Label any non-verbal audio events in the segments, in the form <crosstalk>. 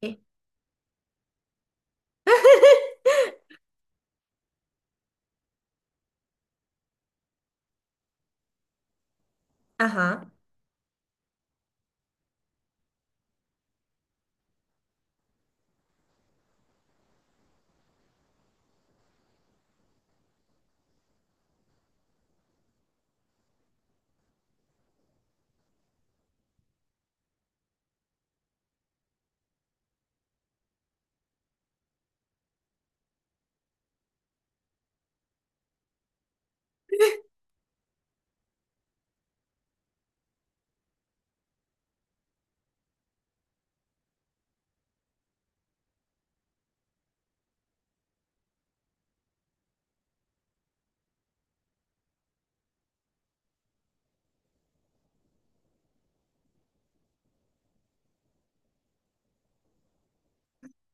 Sí. <laughs> Ajá,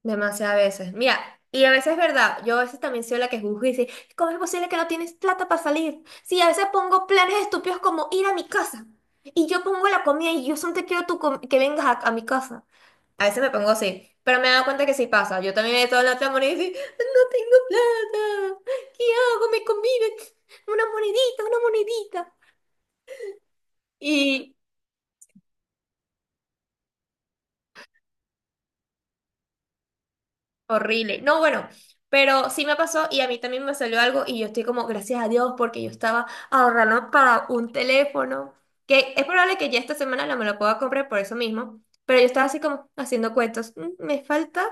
demasiadas veces. Mira, y a veces es verdad, yo a veces también soy la que juzgo y dice, ¿cómo es posible que no tienes plata para salir? Sí, a veces pongo planes estúpidos como ir a mi casa y yo pongo la comida y yo solo te quiero que vengas a mi casa. A veces me pongo así, pero me he dado cuenta que sí pasa. Yo también he todo la otra moneda y digo, no tengo plata, ¿qué hago? Me conviven una monedita, una monedita. Horrible. No, bueno, pero sí me pasó y a mí también me salió algo y yo estoy como, gracias a Dios, porque yo estaba ahorrando para un teléfono, que es probable que ya esta semana no me lo pueda comprar por eso mismo, pero yo estaba así como haciendo cuentos. Me falta,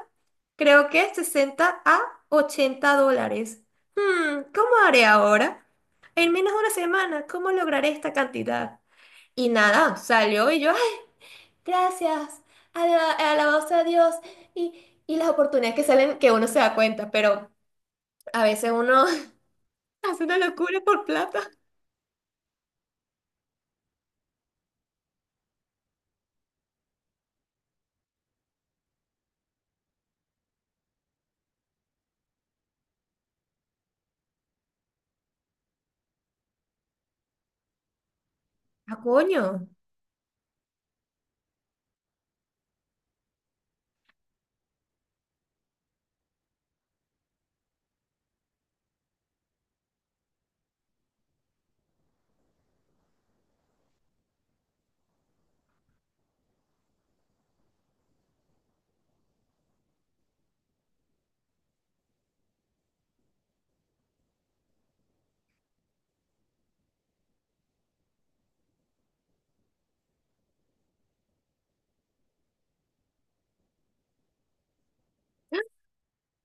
creo que $60 a $80. ¿Cómo haré ahora? En menos de una semana, ¿cómo lograré esta cantidad?" Y nada, salió y yo, ¡ah! Gracias, alabados a Dios. Y las oportunidades que salen que uno se da cuenta, pero a veces uno <laughs> hace una locura por plata. ¿A coño?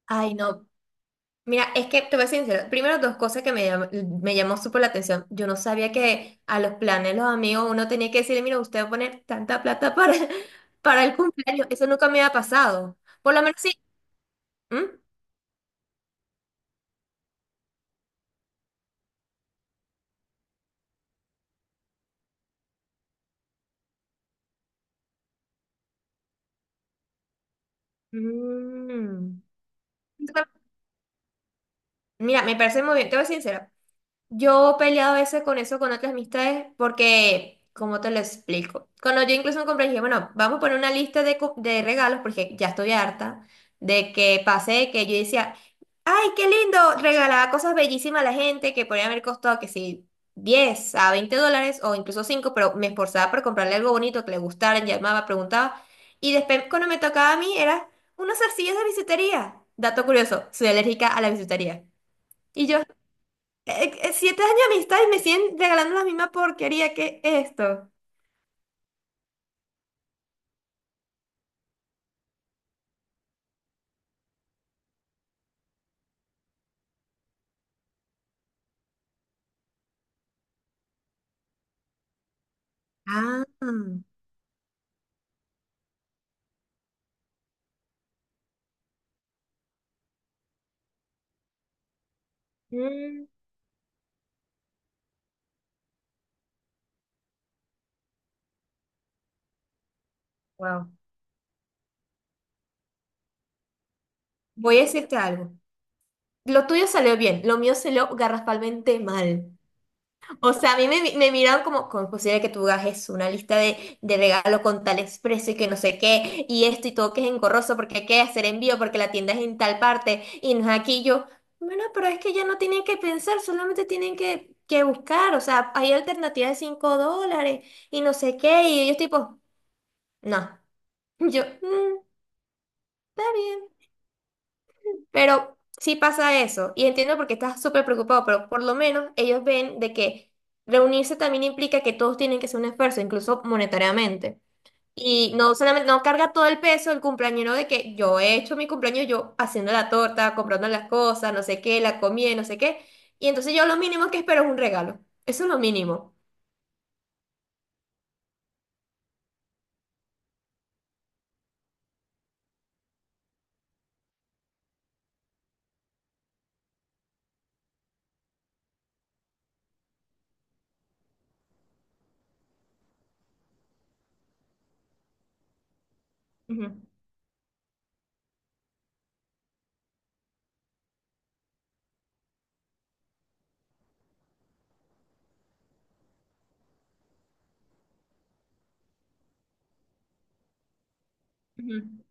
Ay, no. Mira, es que te voy a ser sincera. Primero, dos cosas que me llamó súper la atención. Yo no sabía que a los planes, los amigos, uno tenía que decirle, mira, usted va a poner tanta plata para, <laughs> para el cumpleaños. Eso nunca me había pasado. Por lo menos sí. ¿Mm? Mm. Mira, me parece muy bien. Te voy a ser sincera. Yo he peleado a veces con eso con otras amistades porque, ¿cómo te lo explico? Cuando yo incluso me compré, dije, bueno, vamos a poner una lista de regalos porque ya estoy harta de que pasé, que yo decía, ay, qué lindo, regalaba cosas bellísimas a la gente que podría haber costado que sí, $10 a $20 o incluso cinco, pero me esforzaba por comprarle algo bonito que le gustara, llamaba, preguntaba. Y después cuando me tocaba a mí era unas arcillas de bisutería. Dato curioso, soy alérgica a la bisutería. Y yo, 7 años de amistad y me siguen regalando la misma porquería que esto. Ah, mm. Wow. Voy a decirte algo. Lo tuyo salió bien, lo mío salió garrafalmente mal. O sea, a mí me miraron como, ¿cómo es posible que tú hagas eso? ¿Una lista de regalo con tal expreso y que no sé qué, y esto y todo que es engorroso porque hay que hacer envío porque la tienda es en tal parte y no es aquí? Y yo, bueno, pero es que ya no tienen que pensar, solamente tienen que buscar, o sea, hay alternativas de $5 y no sé qué, y ellos tipo, no, <laughs> yo, Está bien." Pero sí pasa eso, y entiendo porque qué estás súper preocupado, pero por lo menos ellos ven de que reunirse también implica que todos tienen que hacer un esfuerzo, incluso monetariamente. Y no solamente, no carga todo el peso el cumpleañero de que yo he hecho mi cumpleaños yo haciendo la torta, comprando las cosas, no sé qué, la comida, no sé qué. Y entonces yo lo mínimo que espero es un regalo. Eso es lo mínimo. Ujú, ujú.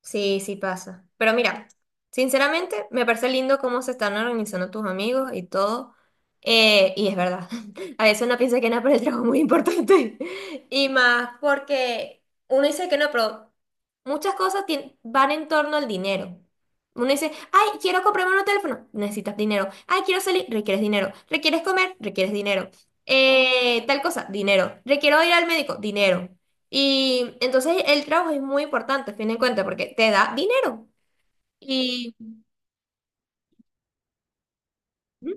Sí, sí pasa. Pero mira, sinceramente me parece lindo cómo se están organizando tus amigos y todo. Y es verdad, <laughs> a veces uno piensa que no, pero el trabajo es muy importante. <laughs> Y más porque uno dice que no, pero muchas cosas van en torno al dinero. Uno dice, ay, quiero comprarme un teléfono, necesitas dinero. Ay, quiero salir, requieres dinero. Requieres comer, requieres dinero. Tal cosa, dinero. Requiero ir al médico, dinero. Y entonces el trabajo es muy importante, a fin de cuentas, porque te da dinero. Y... ¿Mm?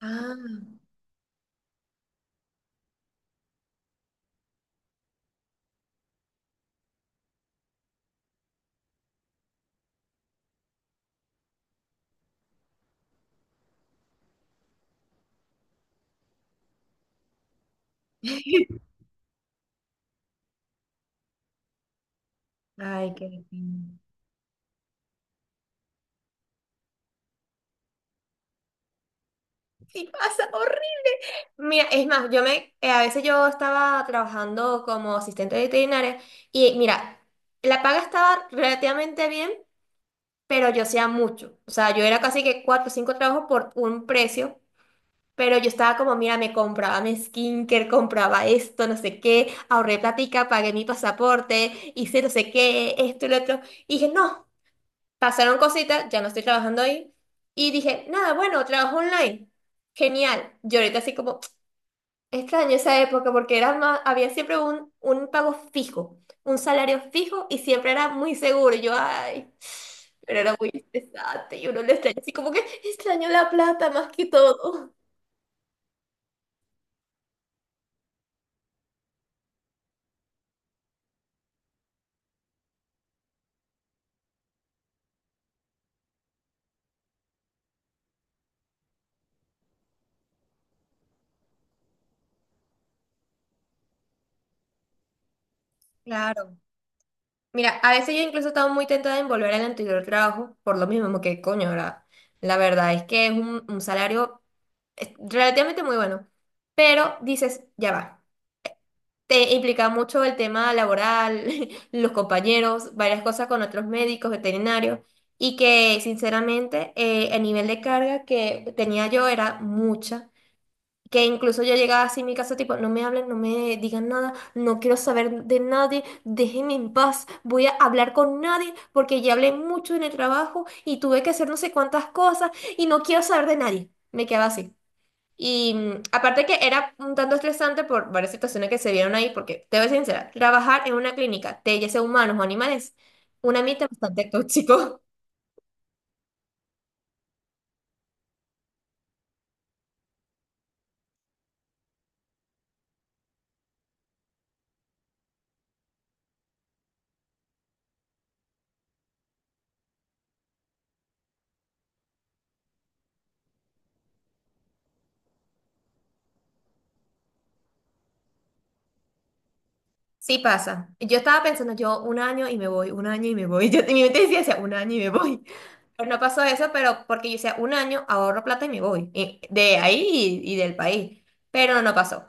Ah. <laughs> Ay, qué lindo. Sí, pasa horrible. Mira, es más, yo a veces yo estaba trabajando como asistente veterinaria y mira, la paga estaba relativamente bien, pero yo hacía mucho. O sea, yo era casi que cuatro o cinco trabajos por un precio. Pero yo estaba como, mira, me compraba mi skincare, compraba esto, no sé qué, ahorré platica, pagué mi pasaporte, hice no sé qué, esto y lo otro. Y dije, no, pasaron cositas, ya no estoy trabajando ahí. Y dije, nada, bueno, trabajo online. Genial. Yo ahorita así como, <tsk> extraño esa época porque era más, había siempre un pago fijo, un salario fijo y siempre era muy seguro. Y yo, ay, pero era muy estresante y uno lo extraña así como que extraño la plata más que todo. Claro. Mira, a veces yo incluso estaba muy tentada en volver al anterior trabajo, por lo mismo que, coño, ahora, la verdad es que es un salario relativamente muy bueno, pero dices, ya va, te implica mucho el tema laboral, <laughs> los compañeros, varias cosas con otros médicos, veterinarios, y que sinceramente el nivel de carga que tenía yo era mucha. Que incluso yo llegaba así en mi casa, tipo, no me hablen, no me digan nada, no quiero saber de nadie, déjenme en paz, voy a hablar con nadie porque ya hablé mucho en el trabajo y tuve que hacer no sé cuántas cosas y no quiero saber de nadie. Me quedaba así. Y aparte que era un tanto estresante por varias situaciones que se vieron ahí, porque te voy a ser sincera, trabajar en una clínica de ya sea humanos o animales, un ambiente bastante tóxico. Sí pasa. Yo estaba pensando, yo un año y me voy, un año y me voy. <laughs> Yo, en mi mente decía, un año y me voy. Pero no pasó eso, pero porque yo decía, un año ahorro plata y me voy. De ahí y del país. Pero no pasó.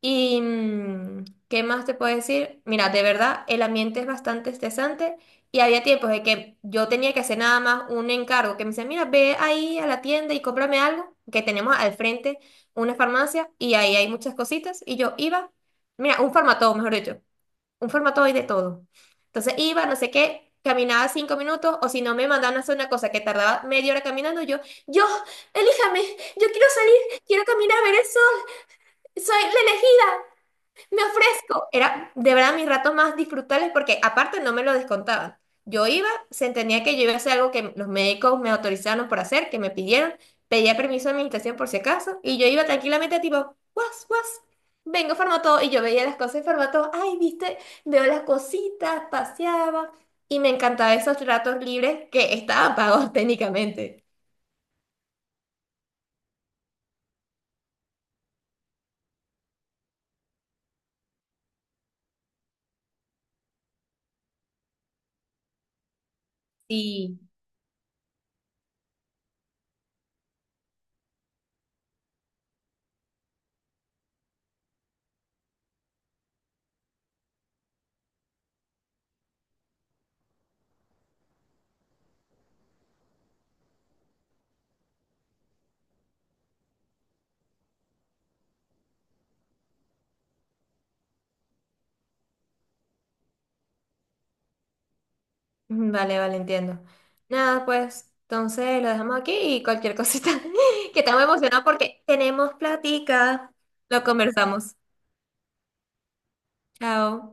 ¿Y qué más te puedo decir? Mira, de verdad, el ambiente es bastante estresante y había tiempos de que yo tenía que hacer nada más un encargo que me decía, mira, ve ahí a la tienda y cómprame algo, que tenemos al frente una farmacia y ahí hay muchas cositas. Y yo iba, mira, un farmatodo, mejor dicho un formato hoy de todo. Entonces iba, no sé qué, caminaba 5 minutos, o si no me mandaban a hacer una cosa que tardaba media hora caminando, yo, elíjame, yo quiero salir, quiero caminar a ver el sol, soy la elegida. Me ofrezco. Era de verdad mis ratos más disfrutables porque aparte no me lo descontaban. Yo iba, se entendía que yo iba a hacer algo que los médicos me autorizaron por hacer, que me pidieron, pedía permiso de administración por si acaso, y yo iba tranquilamente tipo, guas, guas, vengo todo y yo veía las cosas en todo ay, viste, veo las cositas, paseaba, y me encantaba esos ratos libres que estaban pagos <laughs> técnicamente. Vale, vale, entiendo. Nada, pues entonces lo dejamos aquí y cualquier cosita <laughs> que estamos emocionados porque tenemos platica. Lo conversamos. Chao.